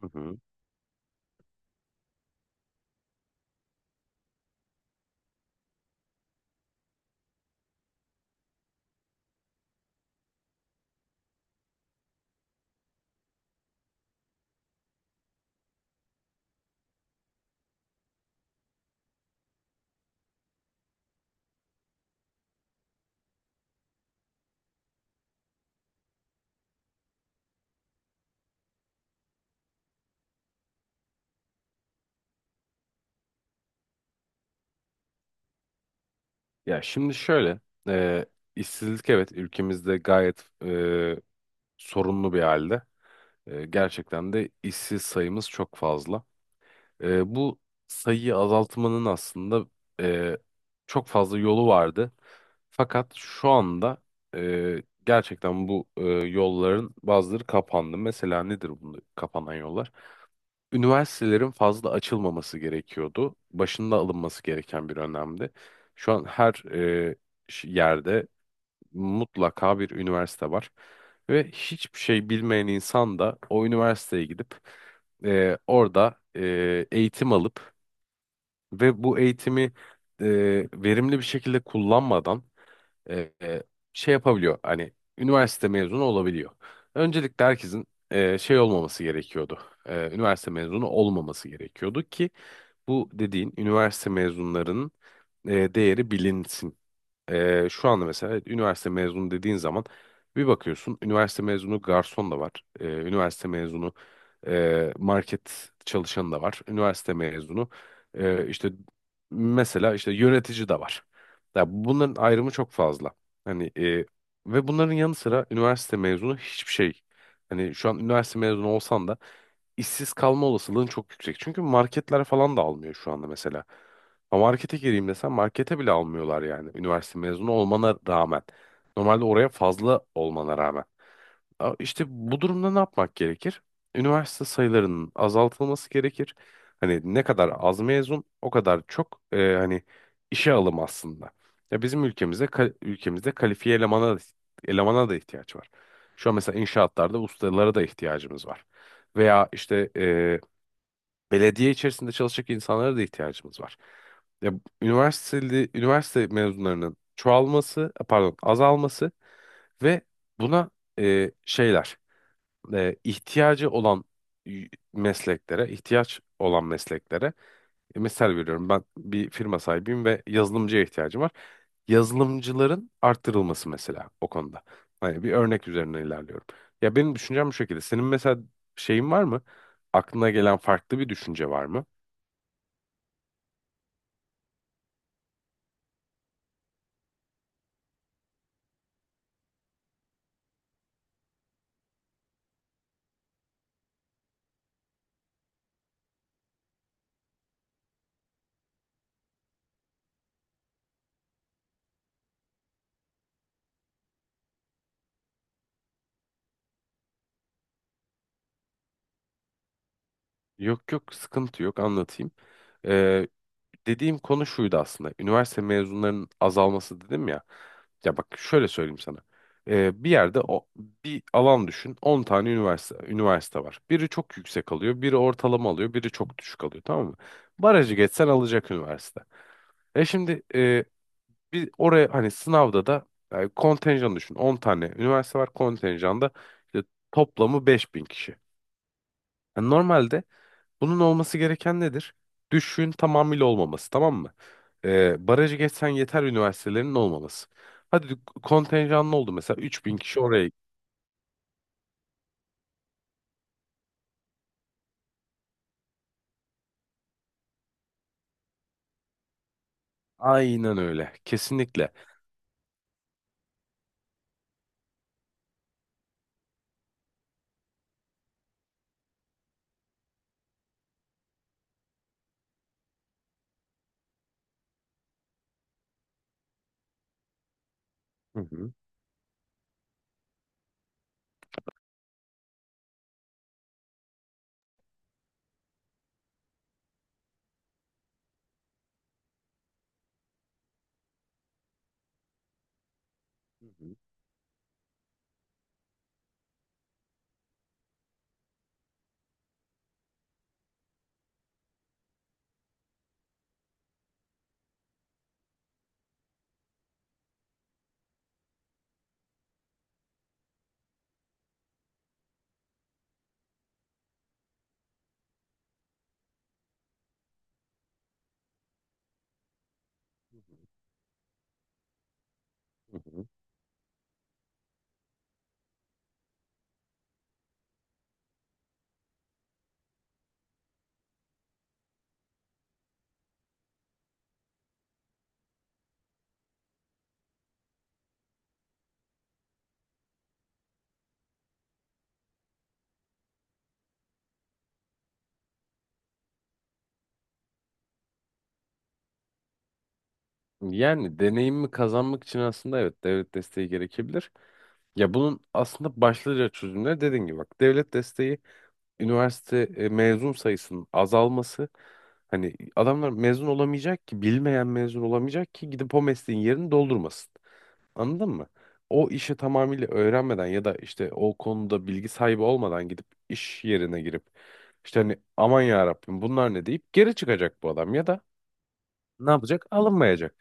Hı hı. Ya şimdi şöyle, e, işsizlik evet ülkemizde gayet sorunlu bir halde. Gerçekten de işsiz sayımız çok fazla. Bu sayıyı azaltmanın aslında e, çok fazla yolu vardı. Fakat şu anda gerçekten bu yolların bazıları kapandı. Mesela nedir bunu kapanan yollar? Üniversitelerin fazla açılmaması gerekiyordu. Başında alınması gereken bir önlemdi. Şu an her yerde mutlaka bir üniversite var. Ve hiçbir şey bilmeyen insan da o üniversiteye gidip orada eğitim alıp ve bu eğitimi e, verimli bir şekilde kullanmadan e, e, şey yapabiliyor. Hani üniversite mezunu olabiliyor. Öncelikle herkesin şey olmaması gerekiyordu. Üniversite mezunu olmaması gerekiyordu ki bu dediğin üniversite mezunlarının değeri bilinsin. Şu anda mesela evet, üniversite mezunu dediğin zaman bir bakıyorsun üniversite mezunu garson da var. Üniversite mezunu market çalışanı da var. Üniversite mezunu işte mesela işte yönetici de var. Ya bunların ayrımı çok fazla. Hani ve bunların yanı sıra üniversite mezunu hiçbir şey. Hani şu an üniversite mezunu olsan da işsiz kalma olasılığın çok yüksek. Çünkü marketler falan da almıyor şu anda mesela. Ama markete gireyim desem markete bile almıyorlar yani. Üniversite mezunu olmana rağmen. Normalde oraya fazla olmana rağmen. İşte bu durumda ne yapmak gerekir? Üniversite sayılarının azaltılması gerekir. Hani ne kadar az mezun o kadar çok hani işe alım aslında. Ya bizim ülkemizde ülkemizde kalifiye elemana da, elemana da ihtiyaç var. Şu an mesela inşaatlarda ustalara da ihtiyacımız var. Veya işte belediye içerisinde çalışacak insanlara da ihtiyacımız var. Ya üniversite mezunlarının çoğalması, e, pardon, azalması ve buna şeyler, ihtiyacı olan mesleklere, ihtiyaç olan mesleklere, misal veriyorum ben bir firma sahibiyim ve yazılımcıya ihtiyacım var. Yazılımcıların arttırılması mesela o konuda. Hani bir örnek üzerine ilerliyorum. Ya benim düşüncem bu şekilde. Senin mesela şeyin var mı? Aklına gelen farklı bir düşünce var mı? Yok yok, sıkıntı yok, anlatayım. Ee, Dediğim konu şuydu aslında. Üniversite mezunlarının azalması dedim ya. Ya bak şöyle söyleyeyim sana. Bir yerde o bir alan düşün. 10 tane üniversite var. Biri çok yüksek alıyor, biri ortalama alıyor, biri çok düşük alıyor, tamam mı? Barajı geçsen alacak üniversite. E şimdi e, bir oraya hani sınavda da yani kontenjan düşün. 10 tane üniversite var kontenjanda, işte toplamı 5.000 kişi. Yani normalde bunun olması gereken nedir? Düşüğün tamamıyla olmaması, tamam mı? Barajı geçsen yeter üniversitelerinin olmaması. Hadi kontenjanlı oldu mesela 3.000 kişi oraya. Aynen öyle. Kesinlikle. Hı hı. Hı hı. Hı hı. Yani deneyimi kazanmak için aslında evet devlet desteği gerekebilir. Ya bunun aslında başlıca çözümleri dediğin gibi, bak, devlet desteği, üniversite mezun sayısının azalması. Hani adamlar mezun olamayacak ki, bilmeyen mezun olamayacak ki gidip o mesleğin yerini doldurmasın. Anladın mı? O işi tamamıyla öğrenmeden ya da işte o konuda bilgi sahibi olmadan gidip iş yerine girip işte hani aman ya Rabbim bunlar ne deyip geri çıkacak bu adam ya da ne yapacak? Alınmayacak.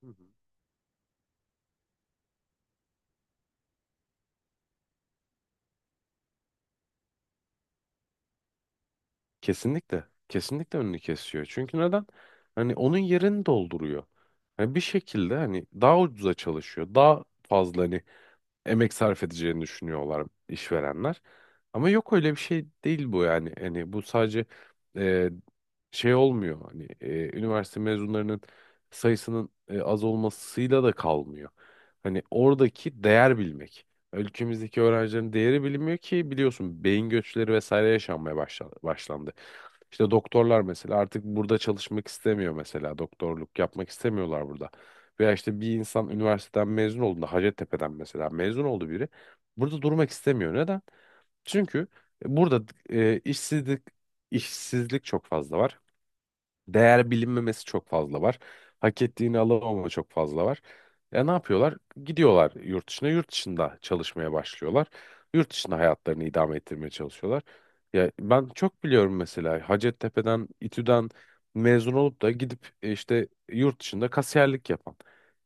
Hı hı. Kesinlikle. Kesinlikle önünü kesiyor. Çünkü neden? Hani onun yerini dolduruyor. Hani bir şekilde hani daha ucuza çalışıyor. Daha fazla hani emek sarf edeceğini düşünüyorlar işverenler. Ama yok, öyle bir şey değil bu yani. Hani bu sadece e, şey olmuyor. Hani üniversite mezunlarının sayısının az olmasıyla da kalmıyor. Hani oradaki değer bilmek. Ülkemizdeki öğrencilerin değeri bilinmiyor ki, biliyorsun, beyin göçleri vesaire yaşanmaya başlandı. İşte doktorlar mesela artık burada çalışmak istemiyor, mesela doktorluk yapmak istemiyorlar burada. Veya işte bir insan üniversiteden mezun olduğunda, Hacettepe'den mesela mezun oldu biri, burada durmak istemiyor. Neden? Çünkü burada işsizlik çok fazla var, değer bilinmemesi çok fazla var. Hak ettiğini alamama çok fazla var. Ya ne yapıyorlar? Gidiyorlar yurt dışına, yurt dışında çalışmaya başlıyorlar. Yurt dışında hayatlarını idame ettirmeye çalışıyorlar. Ya ben çok biliyorum mesela Hacettepe'den, İTÜ'den mezun olup da gidip işte yurt dışında kasiyerlik yapan.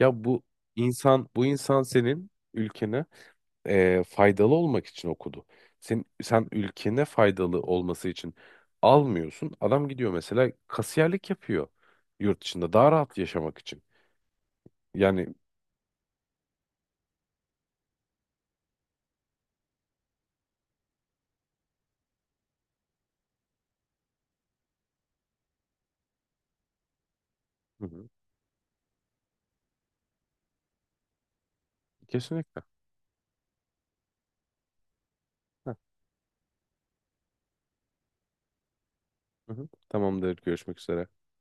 Ya bu insan senin ülkene faydalı olmak için okudu. Sen ülkene faydalı olması için almıyorsun. Adam gidiyor mesela kasiyerlik yapıyor yurt dışında daha rahat yaşamak için. Yani hı hı, kesinlikle. Heh, hı hı. Tamamdır. Görüşmek üzere.